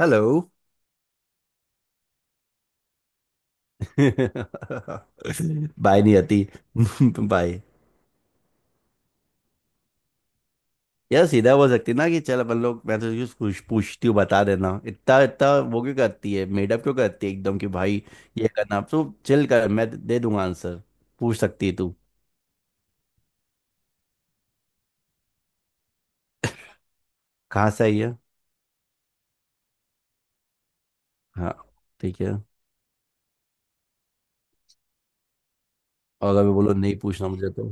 Hello. Bye. नहीं आती। Bye. यार, सीधा बोल सकती ना कि चल अपन लोग, मैं तुझे कुछ पूछती हूँ, बता देना। इतना इतना वो क्यों करती है, मेडअप क्यों करती है एकदम, कि भाई। ये करना तो चिल कर, मैं दे दूंगा आंसर। पूछ सकती है तू। कहाँ से आई है? हाँ, ठीक है। और अगर बोलो नहीं पूछना मुझे तो।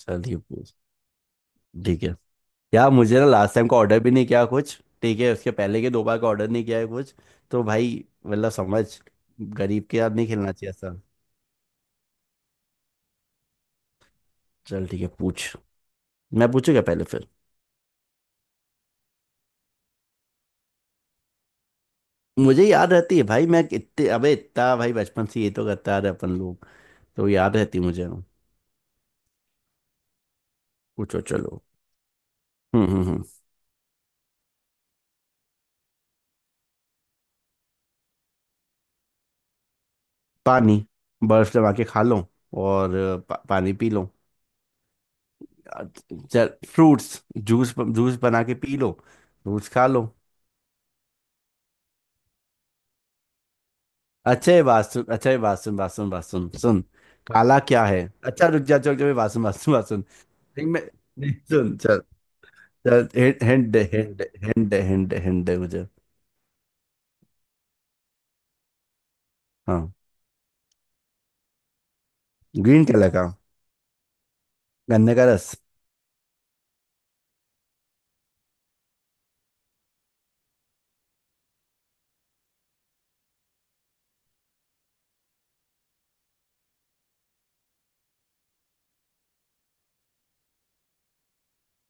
चल ठीक है पूछ। ठीक है। यार, मुझे ना लास्ट टाइम का ऑर्डर भी नहीं किया कुछ, ठीक है, उसके पहले के दो बार का ऑर्डर नहीं किया है कुछ। तो भाई मतलब समझ। गरीब के साथ नहीं खेलना चाहिए ऐसा। चल ठीक है पूछ। मैं पूछूंगा पहले, फिर मुझे याद रहती है भाई। मैं इतने अबे इतना भाई बचपन से ये तो करता आ रहे अपन लोग। तो याद रहती है मुझे। पूछो चलो। हम्म, हम्म, हम्म। पानी। बर्फ जमा के खा लो और पानी पी लो। चल, फ्रूट्स। जूस जूस बना के पी लो। फ्रूट्स खा लो। अच्छा ये बात सुन, अच्छा ये बात सुन, बात सुन, बात सुन, सुन। काला क्या है? अच्छा रुक जा, चौक जा, बात सुन, बात सुन, बात सुन। नहीं मैं। नहीं सुन चल। चल hint hint hint, hint hint hint मुझे। हाँ। ग्रीन कलर का। गन्ने का रस।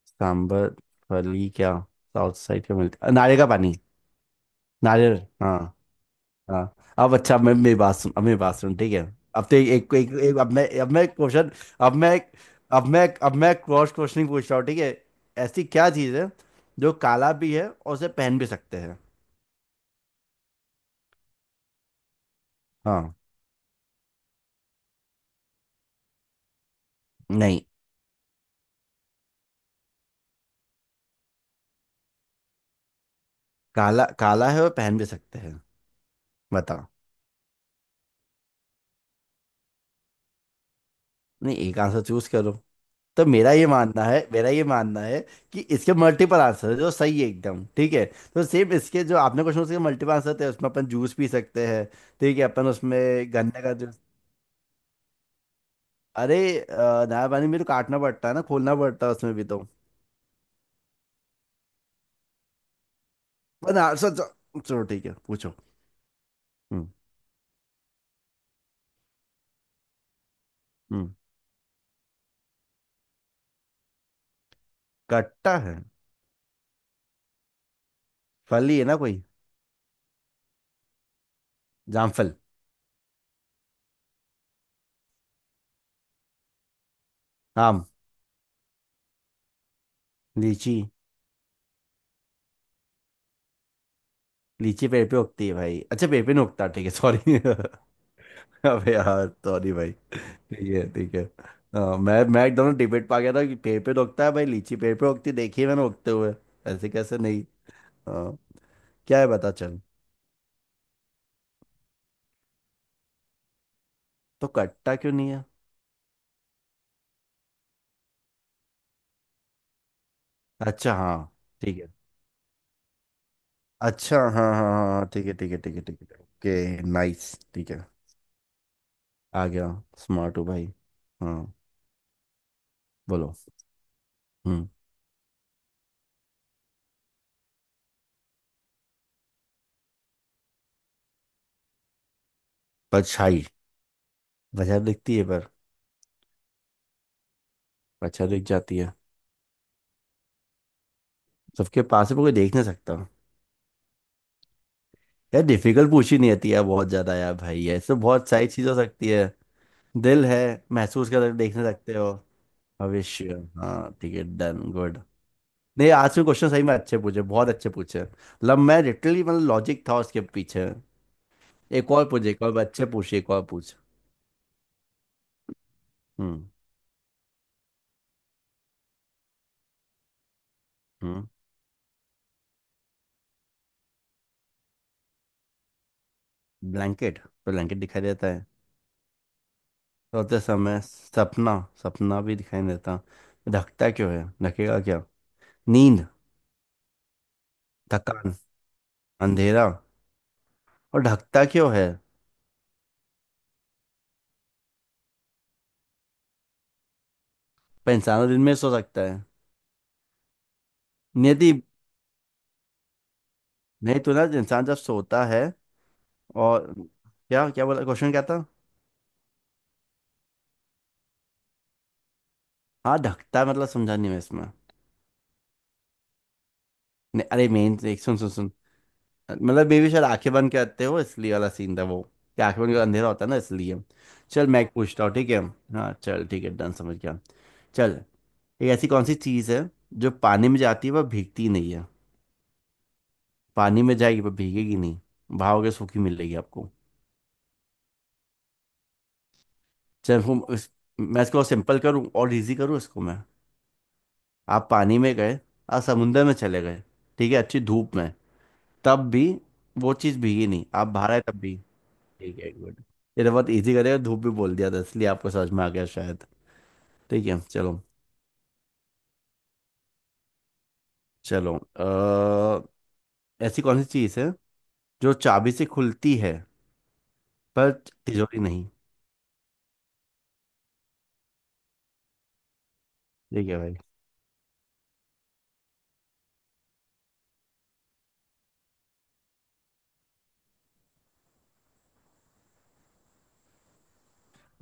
सांबर। फली क्या। साउथ साइड का मिलता नारियल का पानी। नारियल। हाँ। हाँ, अब अच्छा, अब मैं मेरी बात सुन, अब मेरी बात सुन, ठीक है। अब तो एक एक, अब मैं क्वेश्चन। अब मैं अब मैं क्रॉस क्वेश्चनिंग पूछ रहा हूँ, ठीक है। ऐसी क्या चीज़ है जो काला भी है और उसे पहन भी सकते हैं? हाँ। नहीं। काला काला है और पहन भी सकते हैं। नहीं, एक आंसर चूज करो। तो मेरा ये मानना है, मेरा ये मानना है कि इसके मल्टीपल आंसर है जो सही है एकदम, ठीक है। तो सेम इसके जो आपने क्वेश्चन, उसके मल्टीपल आंसर थे, उसमें अपन जूस पी सकते हैं। ठीक है, अपन उसमें गन्ने का जूस। अरे नया पानी मेरे को काटना पड़ता है ना, खोलना पड़ता है उसमें भी तो। पर आंसर, चलो चलो, ठीक है, पूछो। हम्म, हम्म। कट्टा है? फल ही है ना कोई? जामफल। आम। लीची। लीची पेड़ पे उगती है भाई। अच्छा, पेड़ पे नहीं उगता, ठीक है, सॉरी। अबे यार सॉरी भाई। ठीक है, ठीक है। हाँ, मैं एकदम डिबेट पा गया था कि पेड़ पे उगता है भाई, लीची पेड़ पे उगती देखी है मैंने उगते हुए। ऐसे कैसे नहीं? हाँ, क्या है बता चल। तो कट्टा क्यों नहीं है? अच्छा, हाँ, ठीक है। अच्छा, हाँ हाँ हाँ हाँ, ठीक है ठीक है ठीक है ठीक है, ओके, नाइस, ठीक है। आ गया। स्मार्ट हो भाई। हाँ। बोलो। हम्म। परछाई। वजह दिखती है पर। परछाई तो दिख जाती है। सबके पास है पर कोई देख नहीं सकता। यार, डिफिकल्ट पूछी नहीं आती यार, बहुत ज्यादा यार भाई, ऐसे तो बहुत सारी चीज हो सकती है। दिल है, महसूस कर, देखने सकते हो। भविष्य। हाँ, ठीक है, डन, गुड। नहीं, आज के क्वेश्चन सही में अच्छे पूछे, बहुत अच्छे पूछे, मतलब मैं लिटरली, मतलब लॉजिक था उसके पीछे। एक और पूछ, एक और अच्छे पूछ, एक और पूछ। हम्म, हम्म। ब्लैंकेट, तो ब्लैंकेट दिखाई देता है। सोते समय सपना। सपना भी दिखाई नहीं देता। ढकता क्यों है? ढकेगा क्या? नींद। थकान। अंधेरा। और ढकता क्यों है? पर इंसान तो दिन में सो सकता है। नियति। नहीं, तो ना इंसान जब सोता है और। क्या क्या बोला, क्वेश्चन क्या था? हाँ, ढकता मतलब समझा नहीं मैं इसमें। नहीं अरे मेन, एक सुन सुन सुन। मतलब मे भी शायद आंखें बंद करते हो इसलिए वाला सीन था वो, कि आंखें बंद कर अंधेरा होता है ना इसलिए। चल मैं एक पूछता हूँ, ठीक है। हाँ चल, ठीक है, डन, समझ गया। चल, एक ऐसी कौन सी चीज़ है जो पानी में जाती है पर भीगती नहीं है? पानी में जाएगी पर भीगेगी नहीं। भागोगे सूखी मिलेगी आपको। चल मैं इसको सिंपल करूँ और इजी करूँ इसको मैं। आप पानी में गए, आप समुंदर में चले गए, ठीक है, अच्छी धूप में, तब भी वो चीज भीगी नहीं, आप बाहर आए तब भी। ठीक है, गुड। ये तो बहुत इजी करेगा, धूप भी बोल दिया था इसलिए आपको समझ में आ गया शायद। ठीक है, चलो। चलो ऐसी कौन सी चीज है जो चाबी से खुलती है पर तिजोरी नहीं? ठीक है भाई।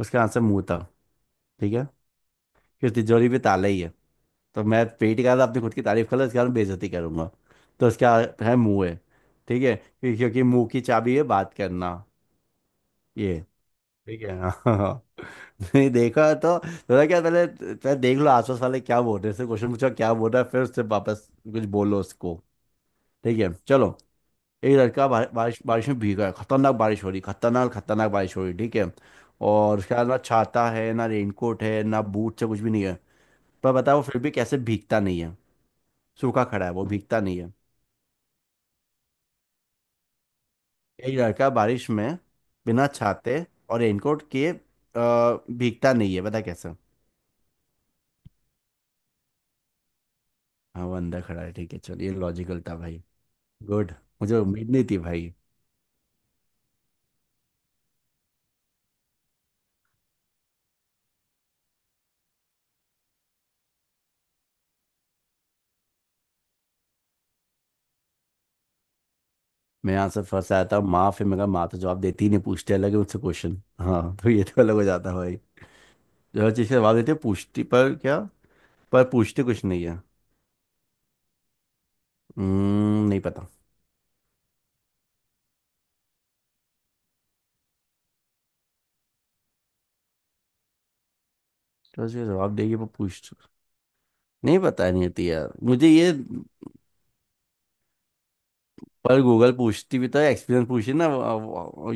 उसका आंसर मुंह था। ठीक है। फिर तिजोरी भी ताला ही है। तो मैं पेट का था, अपनी खुद की तारीफ कर लो, इसके कारण बेइज्जती करूंगा। तो उसका है, मुंह है। ठीक है, क्योंकि क्योंकि मुंह की चाबी है बात करना। ये ठीक है, हाँ। नहीं देखा तो थोड़ा क्या पहले, पहले देख लो आसपास वाले क्या बोल रहे हैं, से क्वेश्चन पूछो क्या बोल रहा है फिर उससे वापस कुछ बोलो उसको। ठीक है चलो। एक लड़का बारिश बारिश में भीगा है, खतरनाक बारिश हो रही, खतरनाक खतरनाक बारिश हो रही, ठीक है। और उसका ना छाता है, ना रेनकोट है, ना बूट से कुछ भी नहीं है। पर बताओ वो फिर भी कैसे भीगता नहीं है? सूखा खड़ा है वो, भीगता नहीं है। एक लड़का बारिश में बिना छाते और रेनकोट के, भीगता नहीं है, बता कैसे। हाँ वो अंदर खड़ा है, ठीक है चलो, ये लॉजिकल था भाई। गुड। मुझे उम्मीद नहीं थी भाई। मैं यहाँ से फंसा था माँ, फिर मैं कहा माँ तो जवाब देती ही नहीं, पूछते अलग है मुझसे क्वेश्चन, हाँ, तो ये तो अलग हो जाता है भाई। जो हर चीज़ का जवाब देते हैं, पूछती पर क्या? पर पूछते कुछ नहीं है। हम्म, नहीं पता। तो उसके जवाब देगी पर पूछ नहीं। पता नहीं होती यार मुझे ये। पर गूगल पूछती भी तो एक्सपीरियंस पूछी ना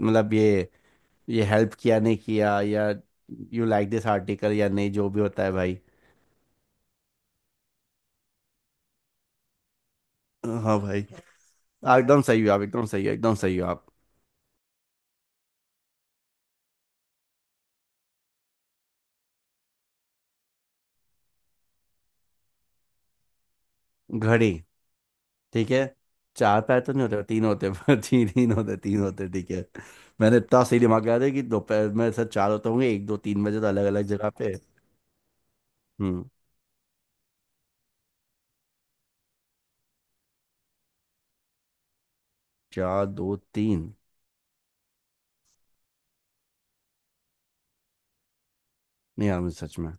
मतलब ये हेल्प किया नहीं किया, या यू लाइक दिस आर्टिकल या नहीं, जो भी होता है भाई। हाँ भाई, एकदम सही हो आप, एकदम सही हो, एकदम सही हो आप। घड़ी। ठीक है। चार पैर तो नहीं होते, तीन होते हैं, पर तीन तीन होते, तीन होते, ठीक है। मैंने इतना सही दिमाग लगा था कि दोपहर में सर चार होते होंगे, एक दो तीन बजे तो अलग अलग जगह पे। हम्म। चार, दो, तीन। नहीं यार, मुझे सच में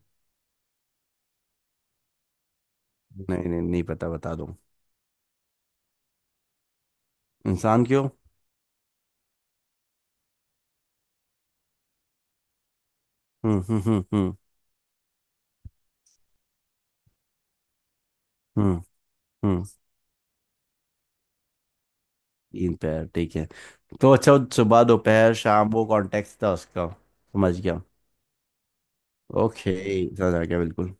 नहीं, नहीं, नहीं पता, बता दो। इंसान क्यों? हम्म, हम्म, हम्म, हम्म, हम्म, हम्म। तीन पैर ठीक है। तो अच्छा, सुबह दोपहर शाम वो कॉन्टेक्स्ट था उसका। समझ गया। ओके। समझ आ गया बिल्कुल।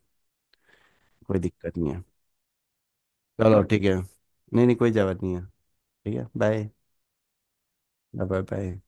कोई दिक्कत नहीं है। चलो ठीक है, नहीं नहीं, कोई जरूरत नहीं है। ठीक है, बाय। Bye bye.